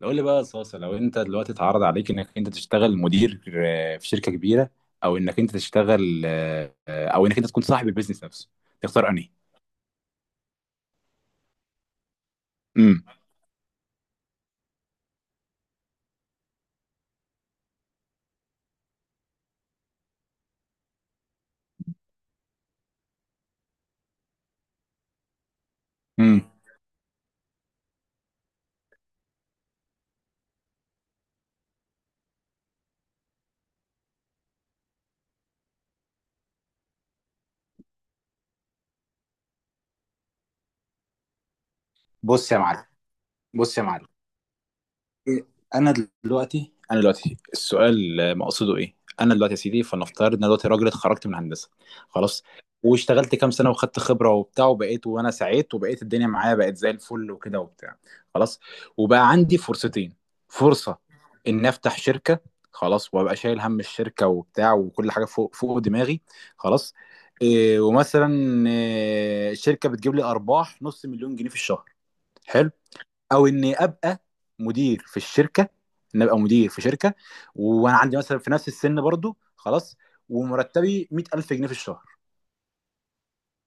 لو لي بقى صاصة، لو انت دلوقتي اتعرض عليك انك انت تشتغل مدير في شركة كبيرة، او انك انت تشتغل او انك انت تكون صاحب البيزنس نفسه، تختار انهي؟ امم امم بص يا معلم. بص يا معلم إيه، انا انا دلوقتي السؤال مقصده ايه. انا دلوقتي يا سيدي فلنفترض ان أنا دلوقتي راجل اتخرجت من هندسه، خلاص، واشتغلت كام سنه وخدت خبره وبتاع وبقيت، وانا سعيت وبقيت الدنيا معايا بقت زي الفل وكده وبتاع. خلاص، وبقى عندي فرصتين. فرصه ان افتح شركه، خلاص، وابقى شايل هم الشركه وبتاع وكل حاجه فوق دماغي، خلاص. إيه ومثلا إيه، الشركه بتجيب لي ارباح 500000 جنيه في الشهر، حلو. او اني ابقى مدير في الشركه، ان ابقى مدير في شركه، وانا عندي مثلا في نفس السن برضو، خلاص، ومرتبي 100000 جنيه في الشهر.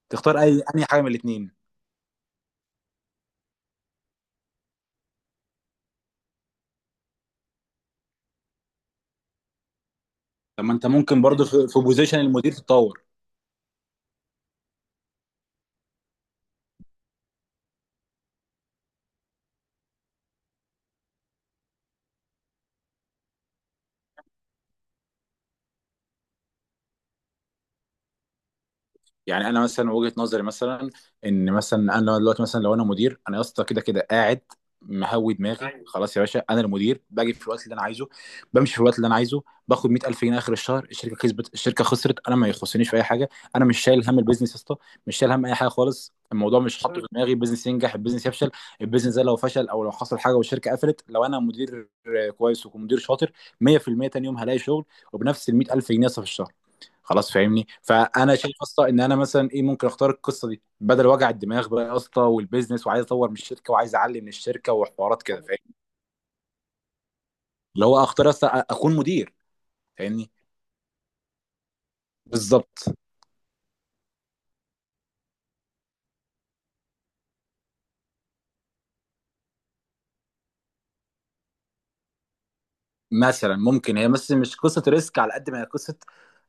تختار اي؟ انهي حاجه من الاثنين؟ طب ما انت ممكن برضو في بوزيشن المدير تتطور. يعني انا مثلا وجهة نظري مثلا، ان مثلا انا دلوقتي مثلا لو انا مدير، انا يا اسطى كده كده قاعد مهوي دماغي، أيوة، خلاص. يا باشا انا المدير باجي في الوقت اللي انا عايزه، بمشي في الوقت اللي انا عايزه، باخد 100000 جنيه اخر الشهر. الشركه كسبت، الشركه خسرت، انا ما يخصنيش في اي حاجه. انا مش شايل هم البيزنس يا اسطى، مش شايل هم اي حاجه خالص، الموضوع مش حاطه في دماغي. البيزنس ينجح، البيزنس يفشل، البيزنس ده لو فشل او لو حصل حاجه والشركه قفلت، لو انا مدير كويس ومدير شاطر، 100% تاني يوم هلاقي شغل، وبنفس ال 100000 جنيه يا اسطى في الشهر، خلاص، فاهمني. فانا شايف اصلا ان انا مثلا ايه ممكن اختار القصه دي بدل وجع الدماغ بقى يا اسطى، والبيزنس، وعايز اطور من الشركه، وعايز اعلي من الشركه، وحوارات كده، فاهمني؟ اللي هو اختار اصلا اكون مدير، فاهمني؟ بالظبط. مثلا ممكن هي بس مش قصه ريسك على قد ما هي قصه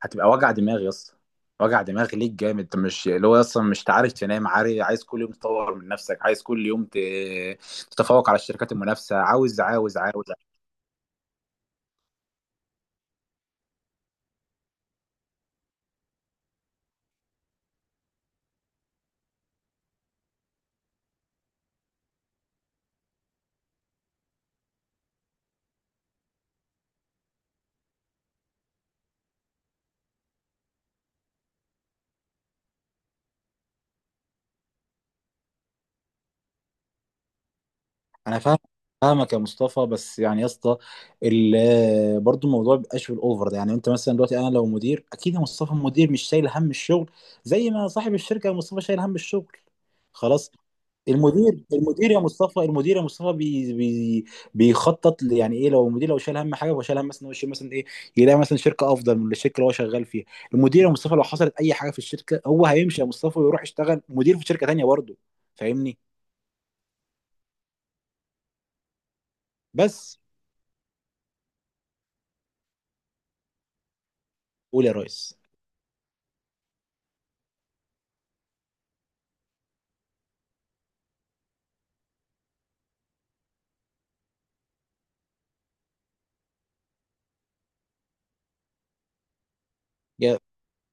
هتبقى وجع دماغ يا اسطى، وجع دماغ ليك جامد. انت مش اللي هو اصلا مش عارف تنام، عارف، عايز كل يوم تطور من نفسك، عايز كل يوم تتفوق على الشركات المنافسه، عاوز عاوز عاوز. انا فاهم. فاهمك يا مصطفى، بس يعني يا اسطى ال- برضو الموضوع بيبقاش بالاوفر ده. يعني انت مثلا دلوقتي انا لو مدير، اكيد يا مصطفى المدير مش شايل هم الشغل زي ما صاحب الشركه يا مصطفى شايل هم الشغل، خلاص. المدير يا مصطفى بي بي يعني ايه، لو المدير لو شايل هم حاجه هو شايل هم مثلا إن هو يشيل مثلا ايه، يلاقي مثلا شركه افضل من الشركه اللي هو شغال فيها. المدير يا مصطفى لو حصلت اي حاجه في الشركه هو هيمشي يا مصطفى ويروح يشتغل مدير في شركه تانيه برضه، فاهمني؟ بس قول يا ريس.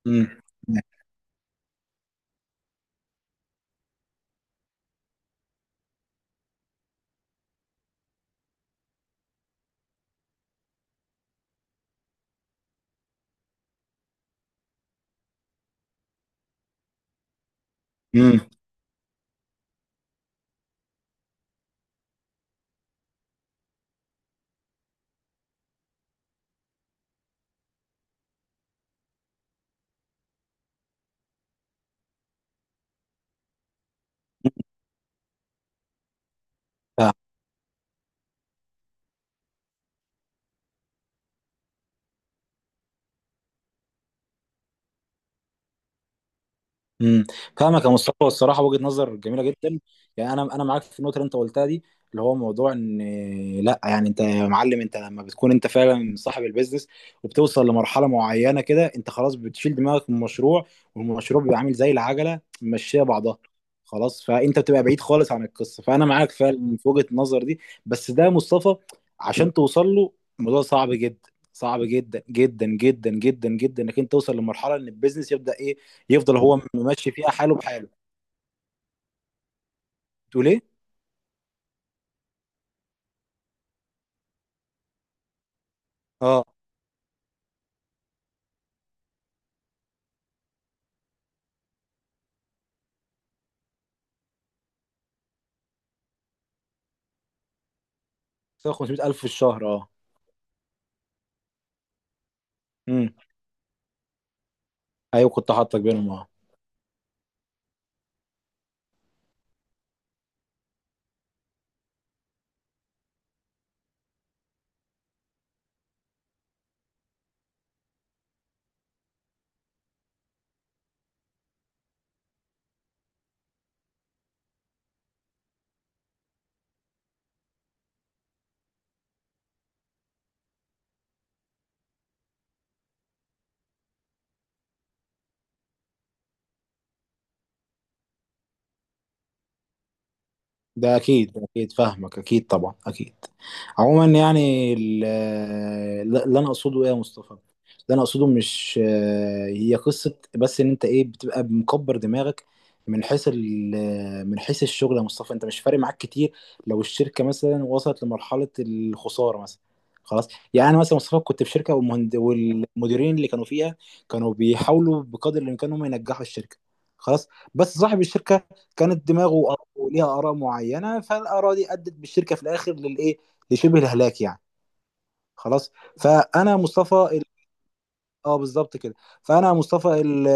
امم امم فاهم. امم فاهمك يا مصطفى، الصراحه وجهه نظر جميله جدا. يعني انا معاك في النقطه اللي انت قلتها دي، اللي هو موضوع ان لا، يعني انت يا معلم انت لما بتكون انت فعلا صاحب البيزنس وبتوصل لمرحله معينه كده انت خلاص بتشيل دماغك من المشروع، والمشروع بيبقى عامل زي العجله ماشيه بعضها، خلاص. فانت بتبقى بعيد خالص عن القصه، فانا معاك فعلا في وجهه النظر دي. بس ده يا مصطفى، عشان توصل له، الموضوع صعب جدا، صعب جدا جدا جدا جدا جدا انك انت توصل لمرحله ان البيزنس يبدا ايه، يفضل هو ماشي فيها حاله بحاله. تقول ايه؟ اه، 500000 في الشهر، اه. امم. ايوه كنت حاطك بينهم، اه. ده اكيد، ده اكيد فاهمك، اكيد طبعا، اكيد. عموما يعني اللي انا اقصده ايه يا مصطفى، اللي انا اقصده مش هي قصه بس ان انت ايه بتبقى مكبر دماغك من حيث من حيث الشغل يا مصطفى، انت مش فارق معاك كتير لو الشركه مثلا وصلت لمرحله الخساره مثلا، خلاص. يعني أنا مثلا مصطفى كنت في شركه، والمهند والمديرين اللي كانوا فيها كانوا بيحاولوا بقدر الامكان هم ينجحوا الشركه، خلاص. بس صاحب الشركه كانت دماغه وليها اراء معينه، فالاراء دي ادت بالشركه في الاخر للايه، لشبه الهلاك يعني، خلاص. فانا مصطفى ال... اه بالظبط كده. فانا مصطفى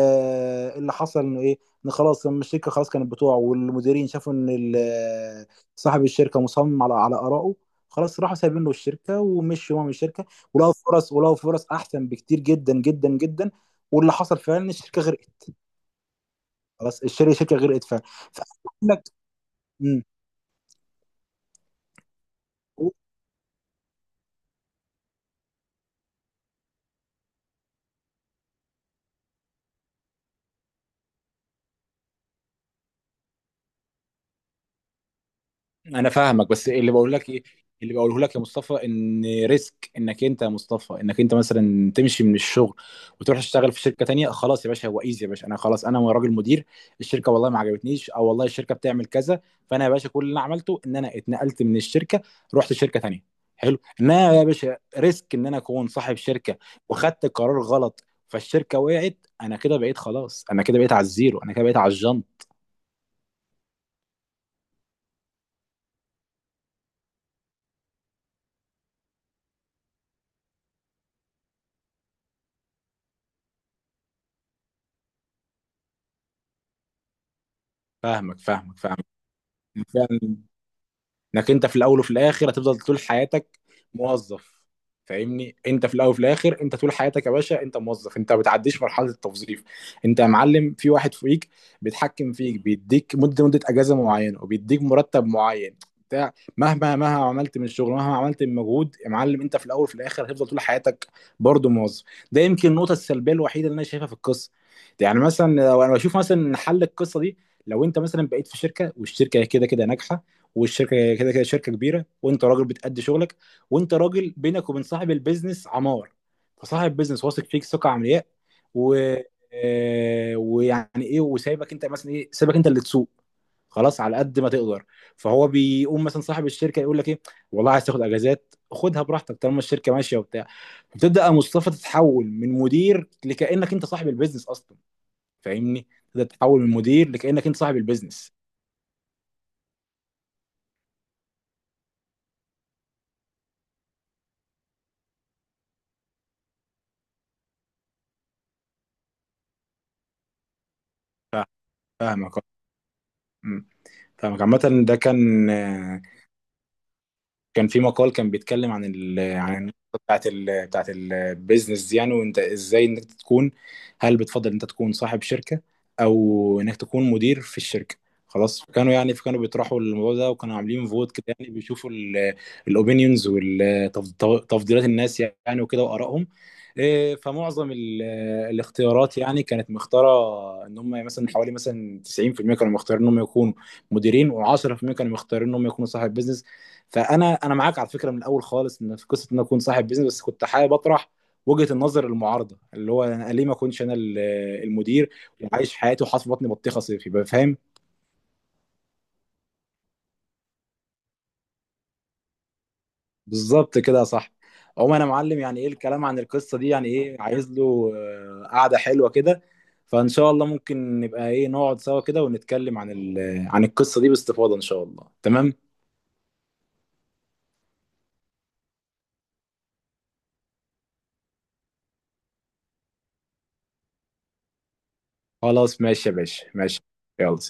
اللي حصل انه ايه، ان خلاص لما الشركه خلاص كانت بتوع والمديرين شافوا ان صاحب الشركه مصمم على ارائه، خلاص، راحوا سايبين له الشركه ومشوا هو من الشركه، ولقوا فرص، ولقوا فرص احسن بكتير جدا جدا جدا. واللي حصل فعلا ان الشركه غرقت. خلاص الشركه غرقت فعلا. فأقول لك إمم. انا فاهمك. بس اللي بقول لك ايه، اللي بقوله لك يا مصطفى، ان ريسك انك انت يا مصطفى انك انت مثلا تمشي من الشغل وتروح تشتغل في شركه تانية، خلاص يا باشا، هو ايزي يا باشا، انا خلاص انا راجل مدير، الشركه والله ما عجبتنيش، او والله الشركه بتعمل كذا، فانا يا باشا كل اللي انا عملته ان انا اتنقلت من الشركه، رحت شركه تانية، حلو. انا يا باشا ريسك ان انا اكون صاحب شركه وخدت قرار غلط فالشركه وقعت، انا كده بقيت خلاص، انا كده بقيت على الزيرو، انا كده بقيت على الجنب. فاهمك فاهمك. يعني فعلا، انك انت في الاول وفي الاخر هتفضل طول حياتك موظف، فاهمني؟ انت في الاول وفي الاخر انت طول حياتك يا باشا انت موظف، انت ما بتعديش مرحله التوظيف. انت يا معلم في واحد فوقيك بيتحكم فيك، بيديك مده اجازه معينه، وبيديك مرتب معين، بتاع. مهما عملت من الشغل، مهما عملت من مجهود يا معلم، انت في الاول وفي الاخر هتفضل طول حياتك برضه موظف. ده يمكن النقطه السلبيه الوحيده اللي انا شايفها في القصه دي. يعني مثلا لو انا بشوف مثلا إن حل القصه دي، لو انت مثلا بقيت في شركه والشركه كده كده ناجحه، والشركه كده كده شركه كبيره، وانت راجل بتأدي شغلك، وانت راجل بينك وبين صاحب البيزنس عمار، فصاحب بيزنس واثق فيك ثقه عمياء، و ويعني ايه، وسايبك انت مثلا ايه، سايبك انت اللي تسوق، خلاص، على قد ما تقدر. فهو بيقوم مثلا صاحب الشركه يقول لك ايه، والله عايز تاخد اجازات خدها براحتك طالما الشركه ماشيه وبتاع، بتبدا يا مصطفى تتحول من مدير لكانك انت صاحب البيزنس اصلا، فاهمني؟ تبدا تتحول من مدير لكانك انت صاحب البيزنس. فاهمك. أه. فاهمك. عامة ده كان، كان في مقال كان بيتكلم عن عن النقطة بتاعت بتاعت البيزنس دي يعني، وانت ازاي انك تكون، هل بتفضل انت تكون صاحب شركة او انك تكون مدير في الشركة. خلاص كانوا يعني كانوا بيطرحوا الموضوع ده، وكانوا عاملين فوت كده، يعني بيشوفوا الاوبينيونز وتفضيلات الناس يعني وكده وارائهم. فمعظم الاختيارات يعني كانت مختاره ان هم مثلا حوالي مثلا 90% كانوا مختارين ان هم يكونوا مديرين، و10% كانوا مختارين ان هم يكونوا صاحب بيزنس. فانا معاك على فكره من الاول خالص ان في قصه ان انا اكون صاحب بيزنس، بس كنت حابب اطرح وجهه النظر المعارضه، اللي هو انا ليه ما اكونش انا المدير، وعايش حياتي وحاطط في بطني بطيخه صيفي، يبقى فاهم؟ بالظبط كده يا صاحبي. عموما انا معلم، يعني ايه، الكلام عن القصه دي يعني ايه، عايز له قعده حلوه كده، فان شاء الله ممكن نبقى ايه نقعد سوا كده ونتكلم عن عن القصه دي باستفاضه ان شاء الله، تمام. خلاص ماشي يا باشا، ماشي، يلا.